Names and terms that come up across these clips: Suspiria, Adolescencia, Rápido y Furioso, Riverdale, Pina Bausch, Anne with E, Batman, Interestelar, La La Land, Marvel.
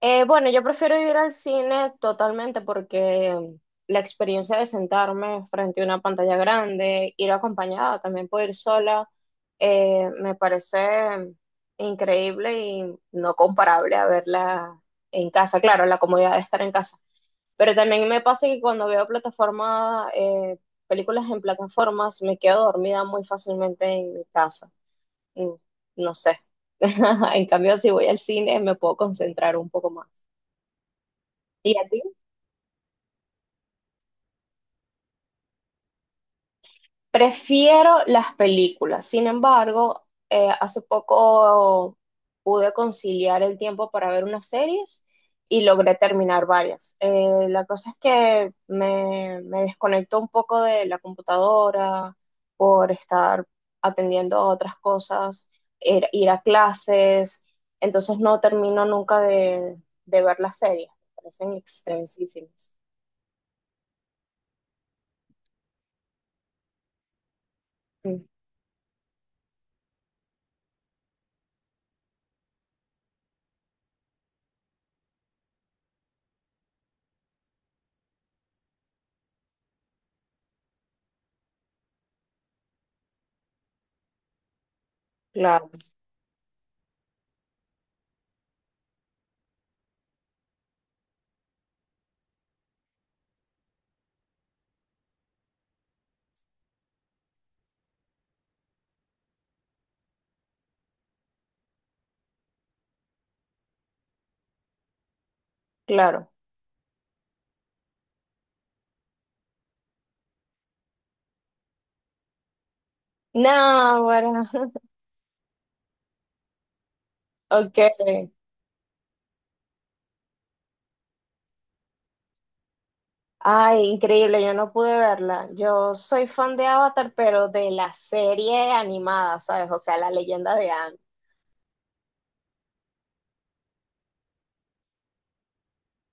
Bueno, yo prefiero ir al cine totalmente porque la experiencia de sentarme frente a una pantalla grande, ir acompañada, también puedo ir sola, me parece increíble y no comparable a verla en casa. Claro, la comodidad de estar en casa. Pero también me pasa que cuando veo plataforma, películas en plataformas, me quedo dormida muy fácilmente en mi casa. Mm, no sé. En cambio, si voy al cine, me puedo concentrar un poco más. ¿Y a ti? Prefiero las películas. Sin embargo, hace poco pude conciliar el tiempo para ver unas series y logré terminar varias. La cosa es que me desconecto un poco de la computadora por estar atendiendo a otras cosas, ir a clases. Entonces no termino nunca de ver las series. Me parecen extensísimas. Mm, claro, claro. No, bueno. Ok. Ay, increíble, yo no pude verla. Yo soy fan de Avatar, pero de la serie animada, ¿sabes? O sea, la leyenda de Aang.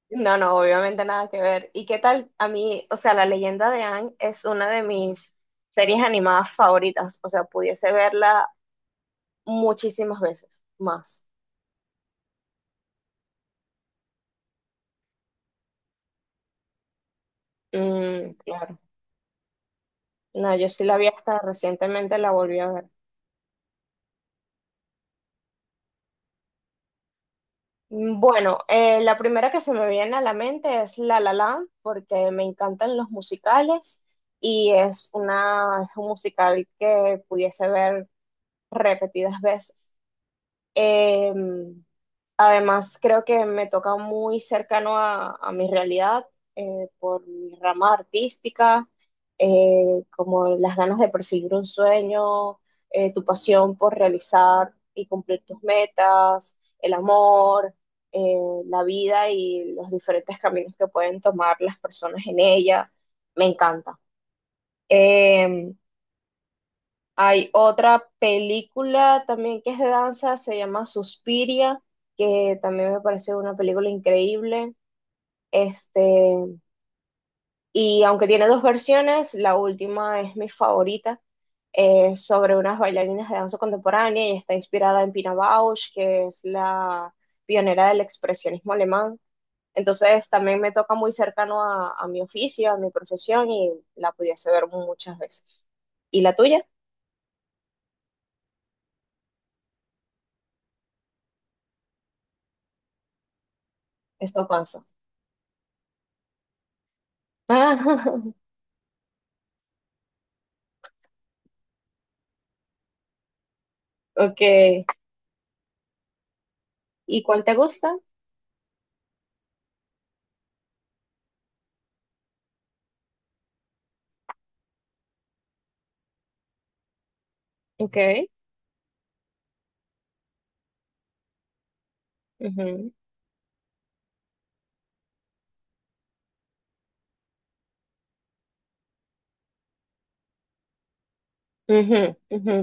No, no, obviamente nada que ver. ¿Y qué tal? A mí, o sea, la leyenda de Aang es una de mis series animadas favoritas. O sea, pudiese verla muchísimas veces más. Mm, claro. No, yo sí la vi hasta recientemente, la volví a ver. Mm, bueno, la primera que se me viene a la mente es La La Land, porque me encantan los musicales y es un musical que pudiese ver repetidas veces. Em, Además, creo que me toca muy cercano a mi realidad, por mi rama artística, como las ganas de perseguir un sueño, tu pasión por realizar y cumplir tus metas, el amor, eh, la vida y los diferentes caminos que pueden tomar las personas en ella. Me encanta. Em, Hay otra película también que es de danza, se llama Suspiria, que también me parece una película increíble. Este, y aunque tiene dos versiones, la última es mi favorita, sobre unas bailarinas de danza contemporánea y está inspirada en Pina Bausch, que es la pionera del expresionismo alemán. Entonces también me toca muy cercano a mi oficio, a mi profesión y la pudiese ver muchas veces. ¿Y la tuya? Esto pasa. Ok. ¿Y cuál te gusta? Ok. Ujú, ujú, ujú.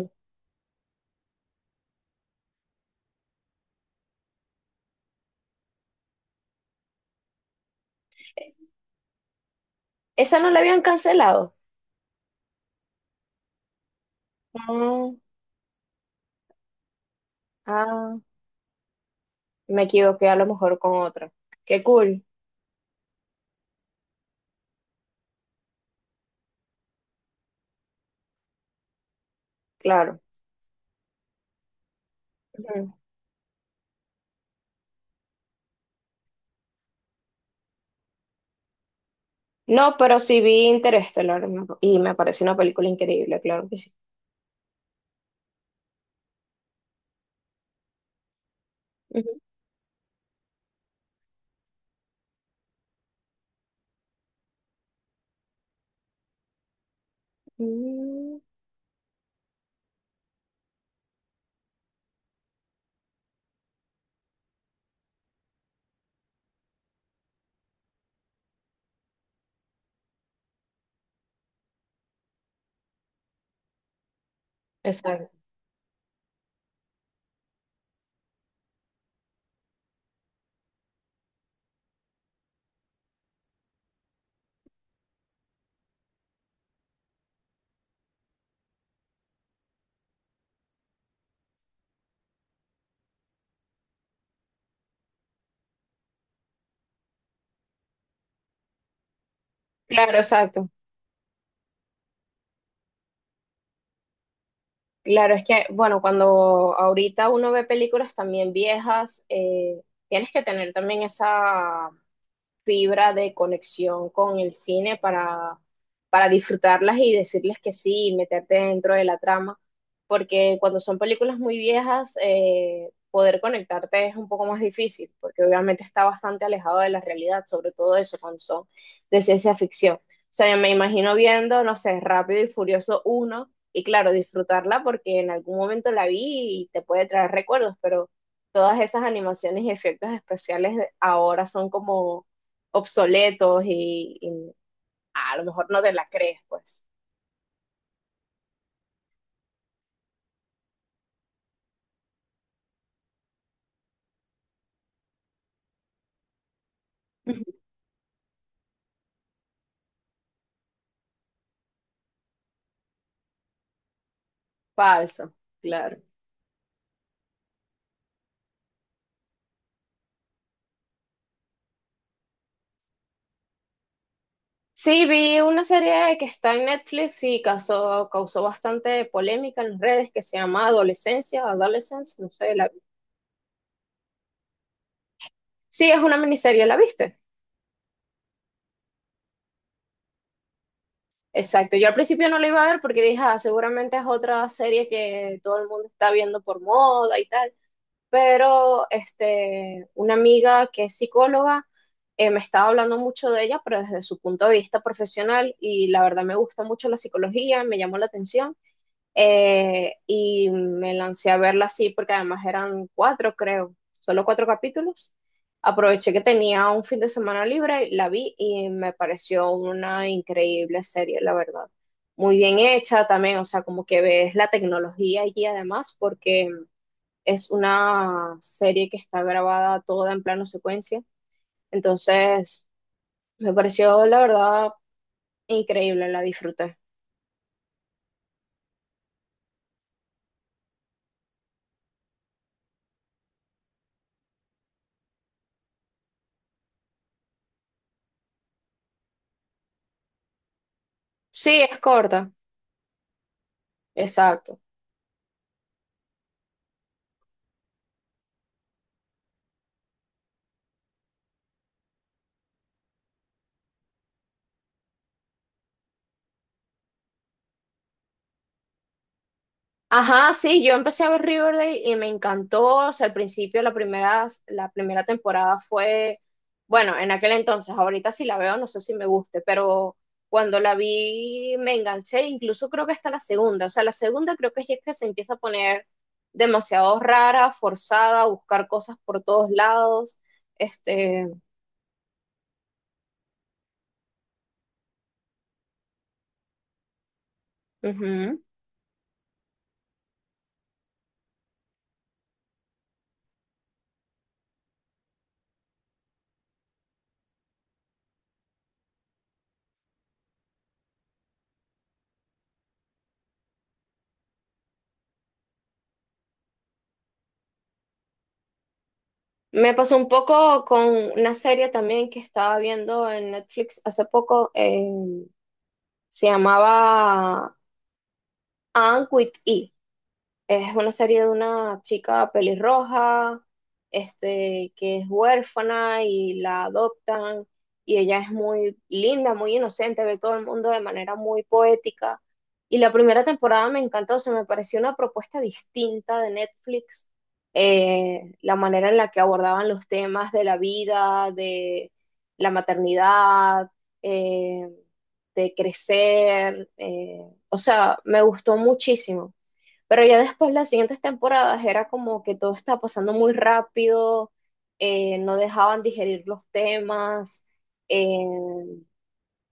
Esa no la habían cancelado. Ah, ah, me equivoqué a lo mejor con otra. Qué cool, claro. Ujú. No, pero sí vi Interestelar y me pareció una película increíble, claro que sí. Ujú. Mm, exacto. Claro, exacto. Claro, es que, bueno, cuando ahorita uno ve películas también viejas, tienes que tener también esa fibra de conexión con el cine para disfrutarlas y decirles que sí y meterte dentro de la trama, porque cuando son películas muy viejas, poder conectarte es un poco más difícil, porque obviamente está bastante alejado de la realidad, sobre todo eso cuando son de ciencia ficción. O sea, yo me imagino viendo, no sé, Rápido y Furioso uno y claro, disfrutarla porque en algún momento la vi y te puede traer recuerdos, pero todas esas animaciones y efectos especiales ahora son como obsoletos y a lo mejor no te la crees, pues. Ujú. Falso, claro. Sí, vi una serie que está en Netflix y causó bastante polémica en las redes que se llama Adolescencia, Adolescence, no sé. La... Sí, es una miniserie, ¿la viste? Exacto. Yo al principio no la iba a ver porque dije, ah, seguramente es otra serie que todo el mundo está viendo por moda y tal. Pero este, una amiga que es psicóloga, me estaba hablando mucho de ella, pero desde su punto de vista profesional y la verdad me gusta mucho la psicología, me llamó la atención, y me lancé a verla así porque además eran cuatro, creo, solo cuatro capítulos. Aproveché que tenía un fin de semana libre, la vi y me pareció una increíble serie, la verdad. Muy bien hecha también, o sea, como que ves la tecnología allí además, porque es una serie que está grabada toda en plano secuencia. Entonces, me pareció la verdad increíble, la disfruté. Sí, es corta, exacto. Ajá, sí, yo empecé a ver Riverdale y me encantó. O sea, al principio la primera temporada fue, bueno, en aquel entonces, ahorita si la veo no sé si me guste, pero cuando la vi me enganché, incluso creo que hasta la segunda. O sea, la segunda creo que es que se empieza a poner demasiado rara, forzada, a buscar cosas por todos lados. Este, ujú. Me pasó un poco con una serie también que estaba viendo en Netflix hace poco. Se llamaba Anne with E. Es una serie de una chica pelirroja, este, que es huérfana y la adoptan y ella es muy linda, muy inocente, ve todo el mundo de manera muy poética. Y la primera temporada me encantó, se me pareció una propuesta distinta de Netflix, la manera en la que abordaban los temas de la vida, de la maternidad, eh, de crecer, o sea, me gustó muchísimo. Pero ya después, las siguientes temporadas, era como que todo estaba pasando muy rápido, no dejaban digerir los temas, o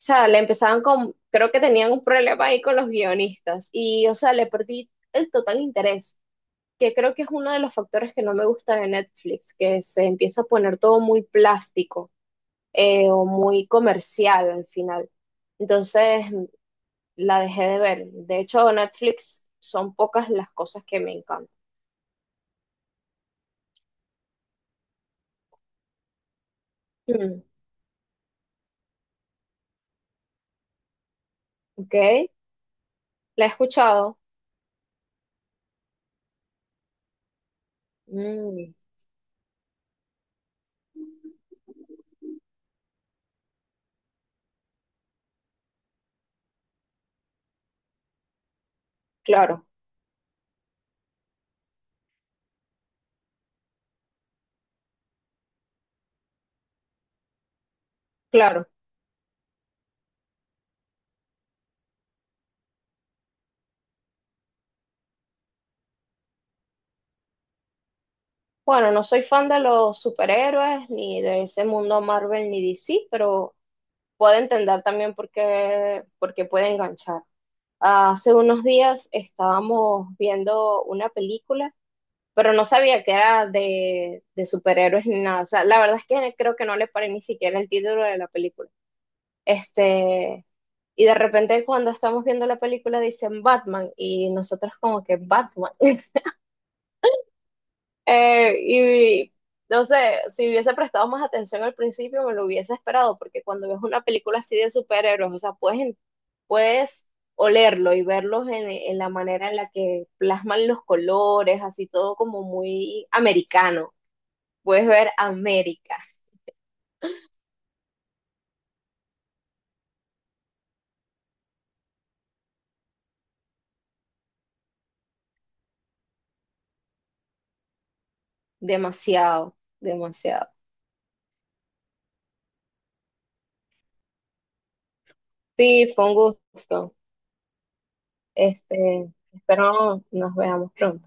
sea, le empezaban con, creo que tenían un problema ahí con los guionistas y, o sea, le perdí el total interés, que creo que es uno de los factores que no me gusta de Netflix, que se empieza a poner todo muy plástico, o muy comercial al final. Entonces, la dejé de ver. De hecho, Netflix son pocas las cosas que me encantan. Mm. Ok, la he escuchado. Mm, claro, claro. Bueno, no soy fan de los superhéroes ni de ese mundo Marvel ni DC, pero puedo entender también por qué puede enganchar. Hace unos días estábamos viendo una película, pero no sabía que era de superhéroes ni nada. O sea, la verdad es que creo que no le paré ni siquiera el título de la película. Este, y de repente cuando estamos viendo la película dicen Batman y nosotros como que Batman. Y no sé, si hubiese prestado más atención al principio, me lo hubiese esperado, porque cuando ves una película así de superhéroes, o sea, puedes olerlo y verlos en la manera en la que plasman los colores, así todo como muy americano. Puedes ver América, demasiado, demasiado. Sí, fue un gusto. Este, espero nos veamos pronto.